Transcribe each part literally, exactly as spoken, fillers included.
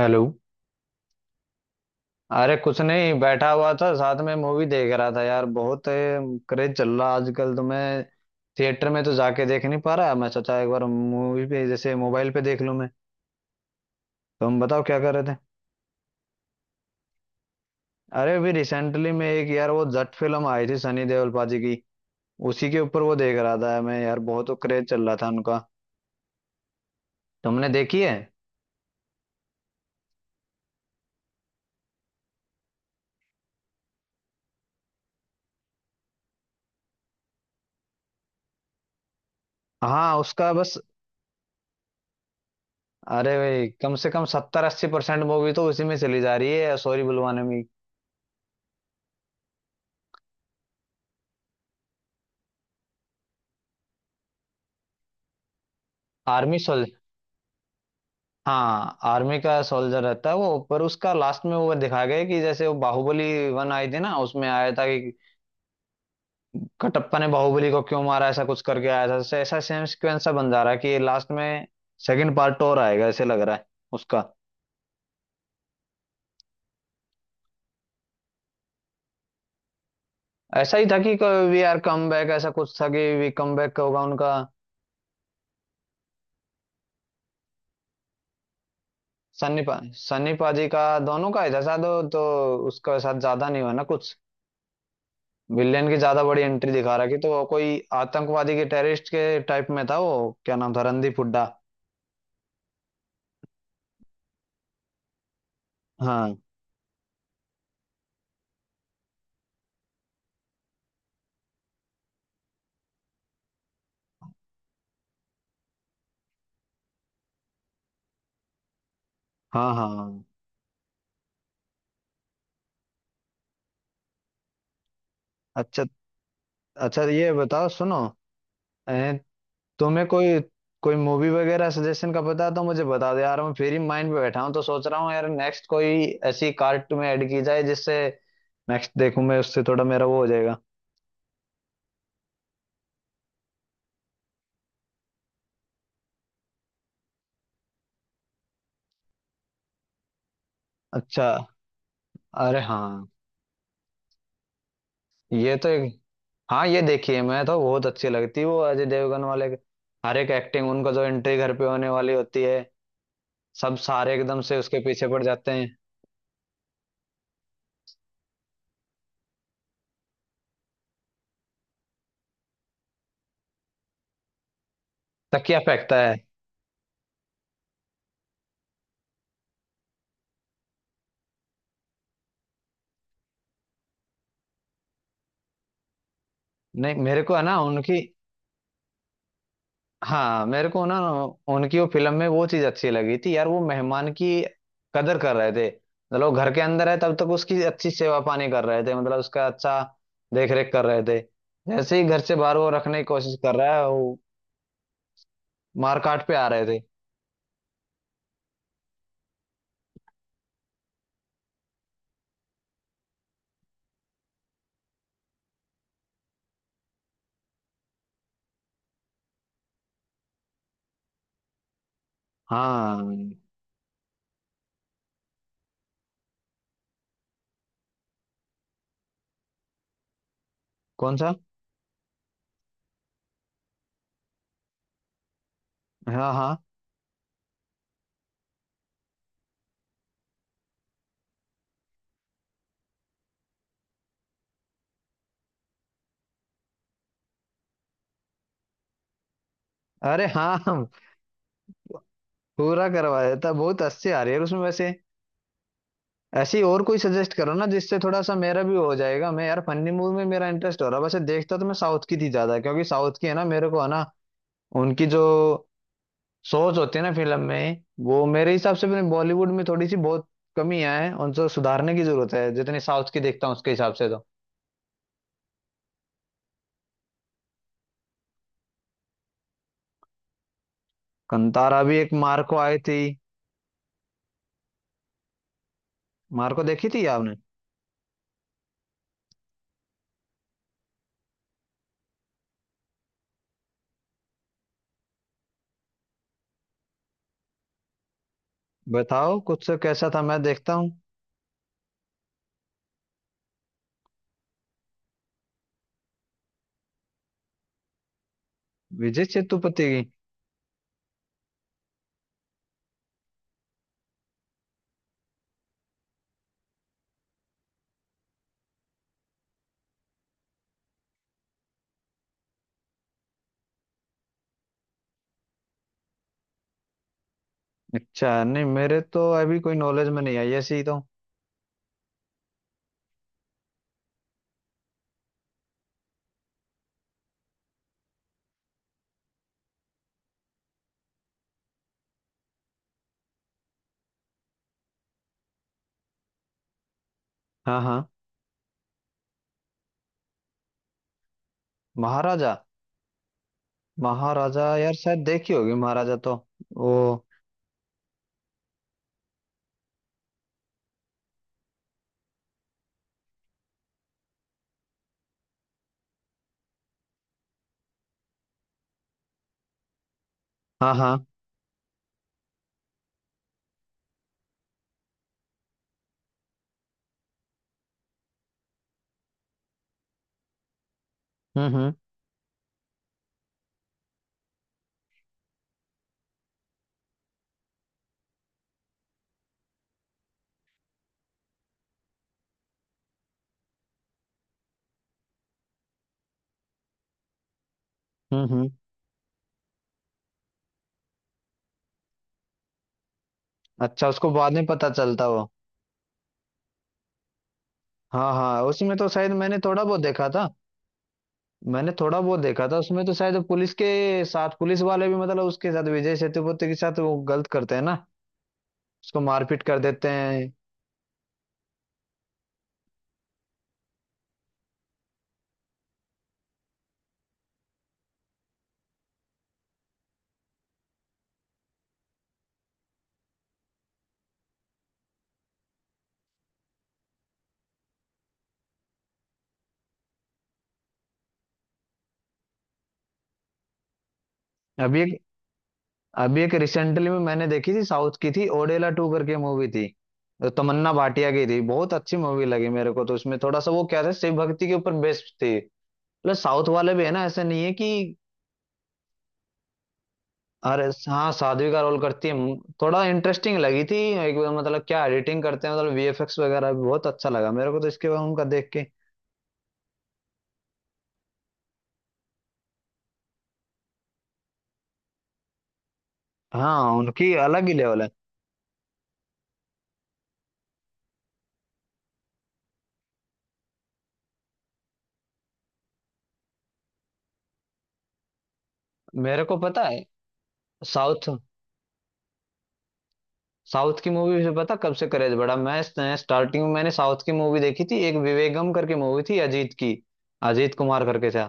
Hello. अरे कुछ नहीं, बैठा हुआ था, साथ में मूवी देख रहा था यार। बहुत क्रेज चल रहा आजकल, तो मैं थिएटर में तो जाके देख नहीं पा रहा। मैं सोचा एक बार मूवी पे जैसे मोबाइल पे देख लूं। मैं तुम बताओ क्या कर रहे थे। अरे अभी रिसेंटली में एक, यार, वो जट फिल्म आई थी सनी देओल पाजी की। उसी के ऊपर वो देख रहा था मैं। यार बहुत क्रेज चल रहा था उनका। तुमने देखी है? हाँ उसका बस। अरे भाई, कम से कम सत्तर अस्सी परसेंट मूवी तो उसी में चली जा रही है सॉरी बुलवाने में। आर्मी। हाँ, आर्मी का सोल्जर रहता है वो। पर उसका लास्ट में वो दिखाया गया है कि जैसे वो बाहुबली वन आई थी ना, उसमें आया था कि कटप्पा ने बाहुबली को क्यों मारा, ऐसा कुछ करके आया था। ऐसा, ऐसा सेम सिक्वेंस सा बन जा रहा है कि ये लास्ट में सेकंड पार्ट और आएगा ऐसे लग रहा है उसका। ऐसा ही था कि वी आर कम बैक, ऐसा कुछ था कि वी कम बैक होगा उनका। सन्नी पा सन्नी पाजी का। दोनों का ही था शायद वो, तो उसका साथ ज्यादा नहीं हुआ ना कुछ। विलेन की ज्यादा बड़ी एंट्री दिखा रखी, तो वो कोई आतंकवादी के टेररिस्ट के टाइप में था। वो क्या नाम था, रणदीप हुड्डा। हाँ हाँ हाँ। अच्छा अच्छा, ये बताओ, सुनो, ए, तुम्हें कोई, कोई मूवी वगैरह सजेशन का पता है तो मुझे बता दो यार। मैं फिर ही माइंड पे बैठा हूँ, तो सोच रहा हूँ यार नेक्स्ट कोई ऐसी कार्ट में ऐड की जाए जिससे नेक्स्ट देखूं मैं, उससे थोड़ा मेरा वो हो जाएगा। अच्छा। अरे हाँ। ये तो एक हाँ ये देखिए, मैं तो बहुत अच्छी लगती है वो अजय देवगन वाले के। हर एक एक्टिंग उनका, जो एंट्री घर पे होने वाली होती है, सब सारे एकदम से उसके पीछे पड़ जाते हैं। तकिया फेंकता है? नहीं, मेरे को है ना उनकी। हाँ, मेरे को ना उनकी वो फिल्म में वो चीज अच्छी लगी थी यार, वो मेहमान की कदर कर रहे थे। मतलब वो घर के अंदर है तब तक उसकी अच्छी सेवा पानी कर रहे थे, मतलब उसका अच्छा देख रेख कर रहे थे। जैसे ही घर से बाहर वो रखने की कोशिश कर रहा है, वो मारकाट पे आ रहे थे। हाँ। कौन सा? हाँ हाँ। अरे हाँ, हम पूरा करवाया था। बहुत अच्छी आ रही है उसमें वैसे। ऐसी और कोई सजेस्ट करो ना, जिससे थोड़ा सा मेरा भी हो जाएगा। मैं यार फनी मूवी में मेरा इंटरेस्ट हो रहा है, वैसे देखता तो मैं साउथ की थी ज्यादा, क्योंकि साउथ की है ना, मेरे को है ना उनकी जो सोच होती है ना फिल्म में, वो मेरे हिसाब से बॉलीवुड में थोड़ी सी बहुत कमियां हैं, उनको सुधारने की जरूरत है जितनी साउथ की देखता हूँ उसके हिसाब से तो। कंतारा भी एक, मार्को आई थी। मार्को देखी थी आपने? बताओ कुछ, कैसा था मैं देखता हूँ। विजय सेतुपति की। अच्छा, नहीं मेरे तो अभी कोई नॉलेज में नहीं आई ऐसी तो। हाँ हाँ। महाराजा। महाराजा यार शायद देखी होगी। महाराजा तो वो। हाँ हाँ। हम्म हम्म। हम्म हम्म। अच्छा, उसको बाद में पता चलता वो। हाँ हाँ, उसमें तो शायद मैंने थोड़ा बहुत देखा था। मैंने थोड़ा बहुत देखा था उसमें, तो शायद पुलिस के साथ, पुलिस वाले भी मतलब उसके साथ, विजय सेतुपति के साथ वो गलत करते हैं ना, उसको मारपीट कर देते हैं। अभी, अभी एक रिसेंटली में मैंने देखी थी, साउथ की थी, ओडेला टू करके मूवी थी। तो तमन्ना भाटिया की थी, बहुत अच्छी मूवी लगी मेरे को तो। उसमें थोड़ा सा वो क्या था, शिव भक्ति के ऊपर बेस्ड थी। मतलब साउथ वाले भी है ना, ऐसे नहीं है कि। अरे हाँ, साध्वी का रोल करती है। थोड़ा इंटरेस्टिंग लगी थी एक बार, मतलब क्या एडिटिंग करते हैं, मतलब वी एफ एक्स वगैरह भी बहुत अच्छा लगा मेरे को तो, इसके बाद उनका देख के। हाँ, उनकी अलग ही लेवल है। मेरे को पता है। साउथ साउथ की मूवी से पता कब से क्रेज बढ़ा मैं। स्टार्टिंग में मैंने साउथ की मूवी देखी थी, एक विवेगम करके मूवी थी अजीत की। अजीत कुमार करके था।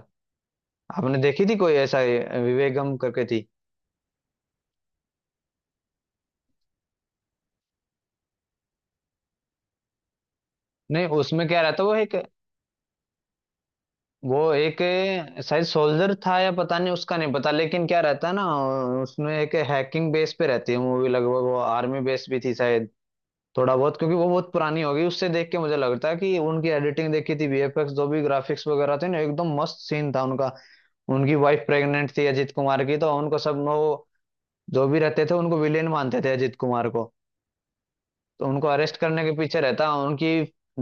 आपने देखी थी कोई ऐसा, ये, विवेगम करके थी? नहीं, उसमें क्या रहता, वो एक वो एक शायद सोल्जर था या पता नहीं, उसका नहीं पता, लेकिन क्या रहता ना, उसमें एक हैकिंग बेस पे रहती है मूवी लगभग। वो आर्मी बेस भी थी शायद थोड़ा बहुत, क्योंकि वो बहुत पुरानी होगी उससे। देख के मुझे लगता है कि उनकी एडिटिंग देखी थी, वी एफ एक्स जो भी ग्राफिक्स वगैरह थे ना, एकदम मस्त सीन था उनका। उनकी वाइफ प्रेग्नेंट थी अजीत कुमार की, तो उनको सब वो जो भी रहते थे, उनको विलेन मानते थे अजीत कुमार को, तो उनको अरेस्ट करने के पीछे रहता। उनकी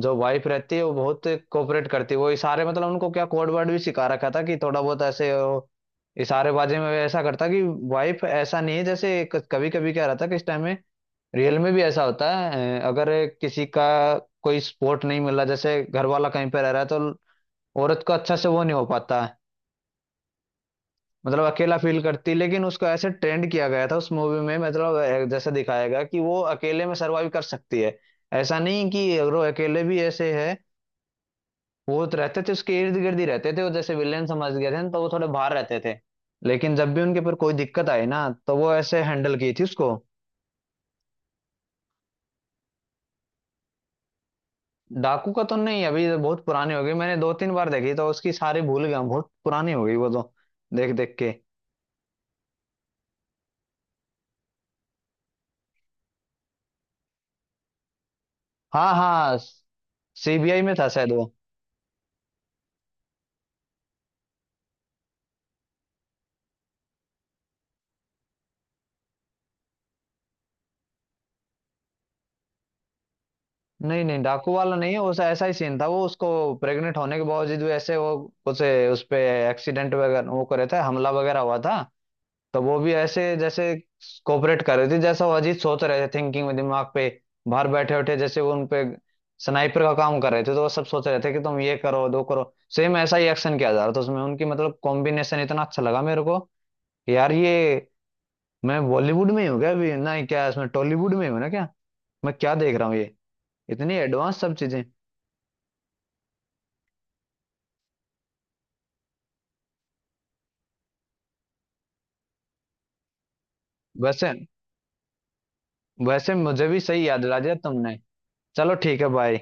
जो वाइफ रहती है वो बहुत कोऑपरेट करती है, वो इशारे, मतलब उनको क्या कोड वर्ड भी सिखा रखा था कि थोड़ा बहुत ऐसे, वो इशारेबाजी में वो ऐसा करता कि वाइफ ऐसा नहीं है जैसे, कभी कभी क्या रहता कि इस टाइम में रियल में भी ऐसा होता है, अ, अगर किसी का कोई सपोर्ट नहीं मिला, जैसे घर वाला कहीं पे रह रहा है, तो औरत को अच्छा से वो नहीं हो पाता है, मतलब अकेला फील करती है। लेकिन उसको ऐसे ट्रेंड किया गया था उस मूवी में, मतलब अ, जैसे दिखाया गया कि वो अकेले में सर्वाइव कर सकती है। ऐसा नहीं कि अगर वो अकेले भी ऐसे है। वो तो रहते थे उसके इर्द गिर्द ही रहते थे, वो जैसे विलेन समझ गए थे ना, तो वो थोड़े बाहर रहते थे, लेकिन जब भी उनके पर कोई दिक्कत आई ना, तो वो ऐसे हैंडल की थी उसको। डाकू का तो नहीं, अभी तो बहुत पुरानी हो गई, मैंने दो तीन बार देखी तो उसकी सारी भूल गया हूँ, बहुत पुरानी हो गई वो तो, देख देख के। हाँ हाँ। सी बी आई में था शायद वो। नहीं नहीं, डाकू वाला नहीं है उस। ऐसा ही सीन था वो, उसको प्रेग्नेंट होने के बावजूद भी ऐसे वो उसे, उस पे एक्सीडेंट वगैरह वो करे थे, हमला वगैरह हुआ था, तो वो भी ऐसे जैसे कोऑपरेट कर रहे थे, जैसा वो अजीत सोच रहे थे, थिंकिंग में दिमाग पे बाहर बैठे उठे जैसे, वो उन पे स्नाइपर का काम कर रहे थे, तो वो सब सोच रहे थे कि तुम ये करो दो करो, सेम ऐसा ही एक्शन किया जा रहा था उसमें। उनकी मतलब कॉम्बिनेशन इतना अच्छा लगा मेरे को कि यार ये मैं बॉलीवुड में ही हूँ क्या अभी, ना ही क्या इसमें टॉलीवुड में हूँ ना क्या, मैं क्या देख रहा हूँ ये इतनी एडवांस सब चीजें। वैसे वैसे मुझे भी सही याद दिला दिया तुमने। चलो ठीक है, बाय।